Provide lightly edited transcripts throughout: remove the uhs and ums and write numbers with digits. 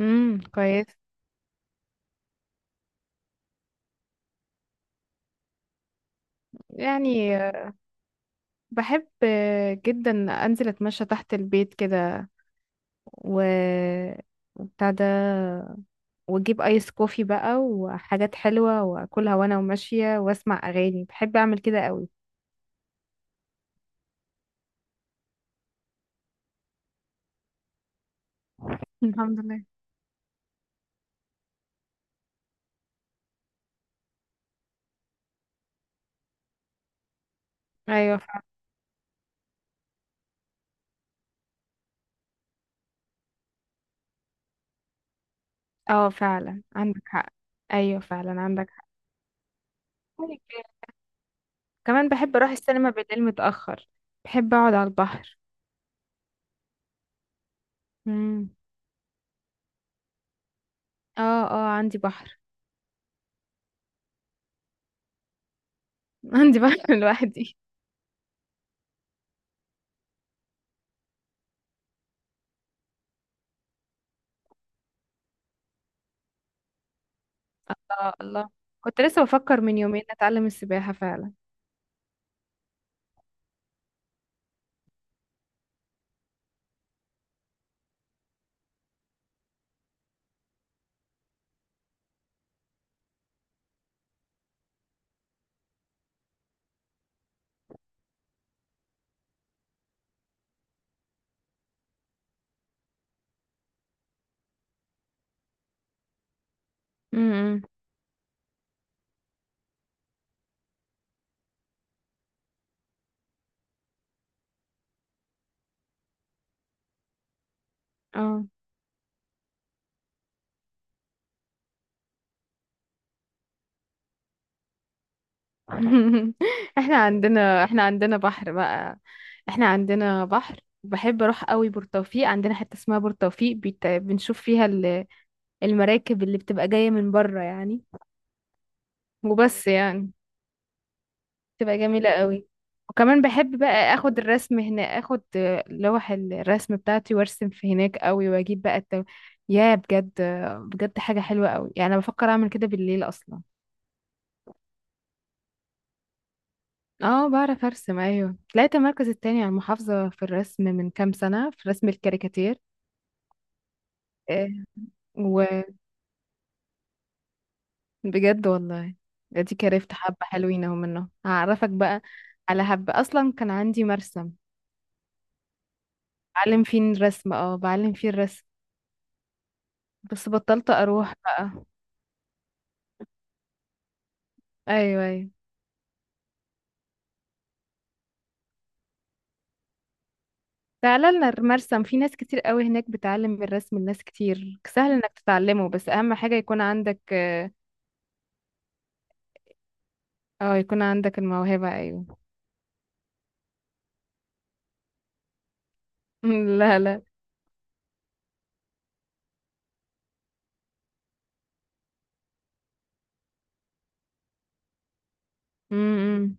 كويس. يعني بحب جدا انزل اتمشى تحت البيت كده، و وبتاع ده، واجيب ايس كوفي بقى وحاجات حلوة واكلها وانا وماشية واسمع اغاني. بحب اعمل كده قوي. الحمد لله. ايوه فعلا. اه فعلا عندك حق. ايوه فعلا عندك حق. كمان بحب اروح السينما بالليل متأخر. بحب اقعد على البحر. امم. اه اه، عندي بحر. عندي بحر لوحدي. الله الله. كنت لسه بفكر من يومين اتعلم السباحة فعلا. امم. اه. احنا عندنا بحر بقى. احنا عندنا بحر. بحب اروح قوي بورتوفيق. عندنا حتة اسمها بورتوفيق، بنشوف فيها المراكب اللي بتبقى جاية من بره يعني. وبس يعني، تبقى جميلة قوي. وكمان بحب بقى اخد الرسم هنا، اخد لوح الرسم بتاعتي وارسم في هناك قوي، واجيب بقى يا بجد، بجد حاجة حلوة قوي يعني. انا بفكر اعمل كده بالليل اصلا. اه، بعرف ارسم. ايوه، طلعت المركز التاني على المحافظة في الرسم من كام سنة، في رسم الكاريكاتير. آه، وبجد والله، دي كرفت حبة حلوين اهو، منه هعرفك بقى. على حبة اصلا كان عندي مرسم بعلم فيه الرسم. بس بطلت اروح بقى. ايوه ايوه. تعالى لنا المرسم، في ناس كتير قوي هناك بتعلم الرسم لناس كتير، سهل انك تتعلمه. بس اهم حاجة يكون عندك يكون عندك الموهبة. ايوه. لا لا. امم.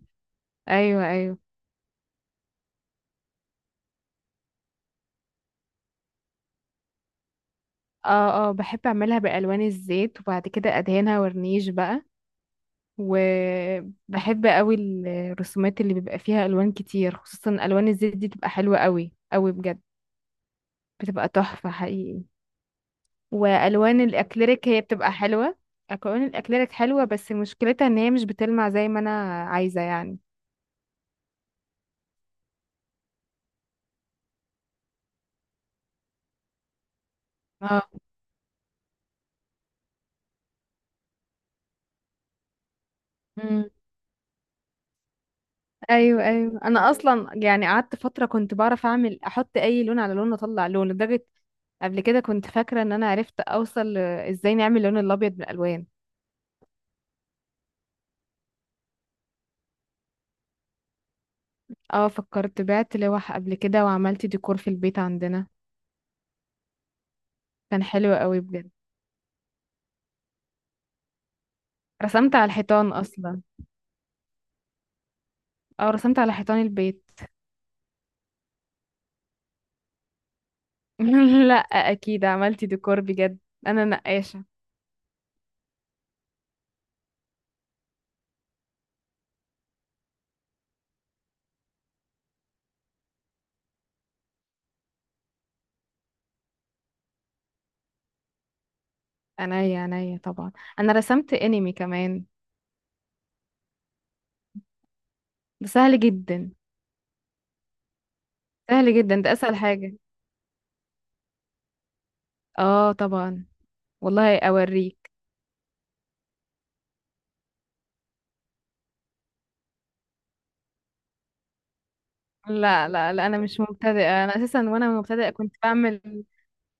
ايوه ايوه. اه اه، بحب اعملها بالوان الزيت وبعد كده ادهنها ورنيش بقى. وبحب قوي الرسومات اللي بيبقى فيها الوان كتير، خصوصا الوان الزيت، دي بتبقى حلوة قوي قوي بجد. بتبقى تحفة حقيقي. والوان الاكليريك هي بتبقى حلوه. الوان الاكليريك حلوه، بس مشكلتها ان هي مش بتلمع زي ما انا عايزه يعني. اه. مم. ايوه ايوه، انا اصلا يعني قعدت فتره كنت بعرف اعمل، احط اي لون على لون اطلع لون، لدرجه قبل كده كنت فاكره ان انا عرفت اوصل ازاي نعمل اللون الابيض بالالوان. اه، فكرت بعت لوح قبل كده وعملت ديكور في البيت عندنا. كان حلو قوي بجد. رسمت على الحيطان اصلا. اه، رسمت على حيطان البيت. لا. اكيد عملت ديكور بجد. انا نقاشه. عينيا عينيا طبعا. انا رسمت انمي كمان. ده سهل جدا. سهل جدا، ده اسهل حاجة. اه طبعا. والله اوريك. لا لا لا، انا مش مبتدئة. انا اساسا وانا مبتدئة كنت بعمل،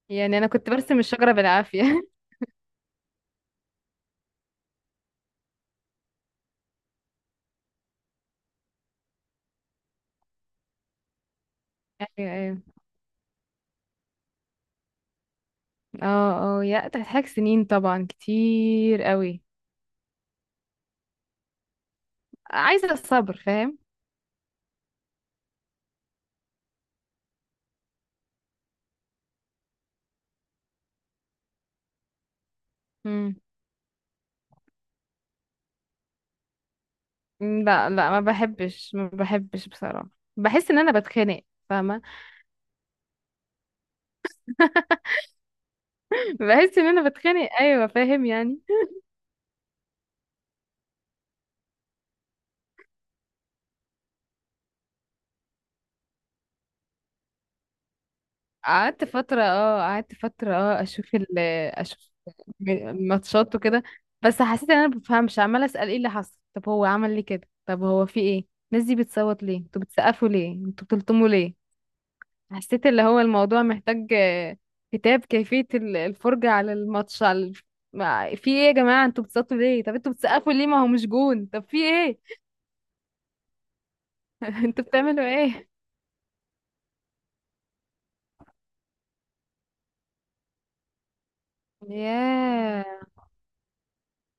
يعني انا كنت برسم الشجرة بالعافية. ايوه ايوه. اه اه، يا تحتاج سنين طبعا كتير قوي. عايزة الصبر، فاهم. مم. لا لا، ما بحبش ما بحبش بصراحة. بحس ان انا بتخانق، فاهمة. بحس ان انا بتخانق، ايوه فاهم يعني. قعدت فترة اه، اشوف ماتشات وكده. بس حسيت ان انا مبفهمش، عمالة اسأل ايه اللي حصل، طب هو عمل ليه كده، طب هو في ايه. الناس دي بتصوت ليه، انتوا بتسقفوا ليه، انتوا بتلطموا ليه. حسيت اللي هو الموضوع محتاج كتاب كيفية الفرجة على الماتش على في ايه يا جماعة، انتوا بتصوتوا ليه، طب انتوا بتسقفوا ليه، ما هو مش جون، طب في ايه. انتوا بتعملوا ايه. ياه.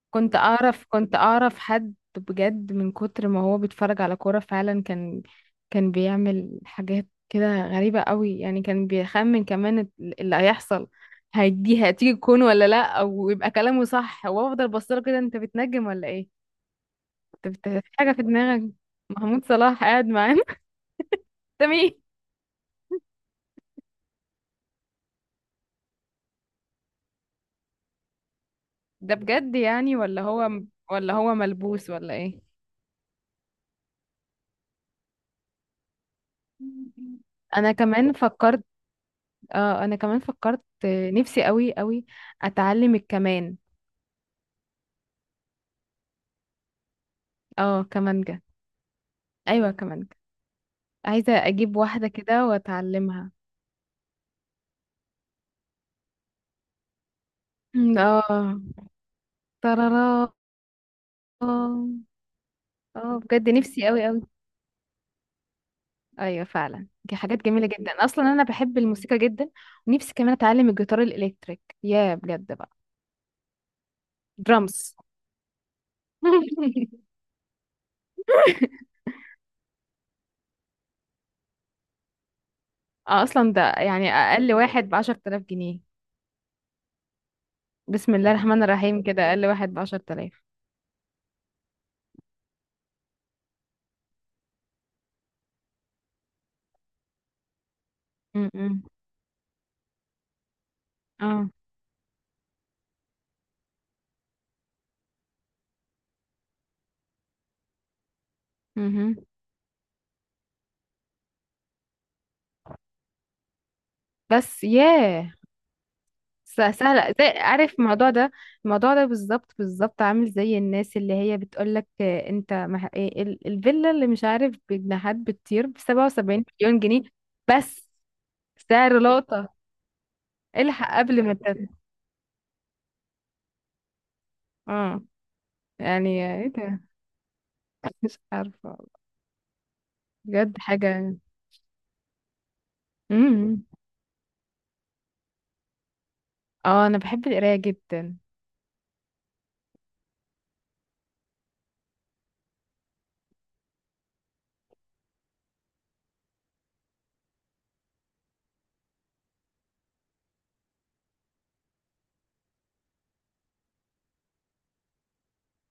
كنت اعرف حد بجد من كتر ما هو بيتفرج على كورة فعلا، كان بيعمل حاجات كده غريبة قوي يعني. كان بيخمن كمان اللي هيحصل، هيدي هتيجي تكون ولا لا، او يبقى كلامه صح. وافضل بصله كده، انت بتنجم ولا ايه. في حاجة في دماغك. محمود صلاح قاعد معانا. ده مين. ده بجد يعني، ولا هو ملبوس ولا ايه. انا كمان فكرت اه انا كمان فكرت نفسي قوي قوي اتعلم الكمان. اه كمانجة. ايوه كمانجة. عايزة اجيب واحدة كده واتعلمها. مم، اه. ترارا. اه. بجد نفسي قوي قوي. ايوه فعلا، دي حاجات جميلة جدا. اصلا انا بحب الموسيقى جدا، ونفسي كمان اتعلم الجيتار الالكتريك، يا بجد بقى. درامز. اه، اصلا ده يعني اقل واحد بـ10,000 جنيه. بسم الله الرحمن الرحيم، كده اقل واحد بـ10,000. اه. مهم. بس ياه. سهلة، زي عارف الموضوع ده. الموضوع ده بالظبط بالظبط، عامل زي الناس اللي هي بتقولك انت إيه الفيلا اللي مش عارف، بجناحات بتطير، بـ77 مليون جنيه. بس سعر لقطة. الحق قبل ما اه، يعني ايه ده. مش عارفة. بجد حاجة. مم. اه، انا بحب القراية جدا.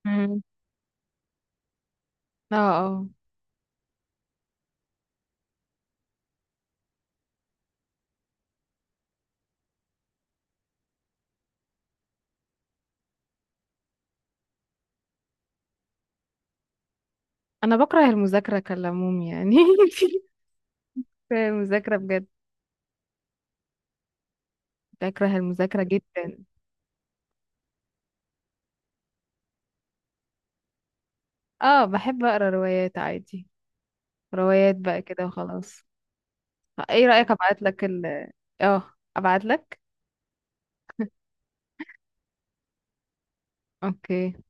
مم. اه اه، انا بكره المذاكرة كالعموم يعني. المذاكرة بجد. بكره المذاكرة جدا. اه، بحب اقرا روايات عادي. روايات بقى كده وخلاص. ايه رأيك، ابعت لك اوكي.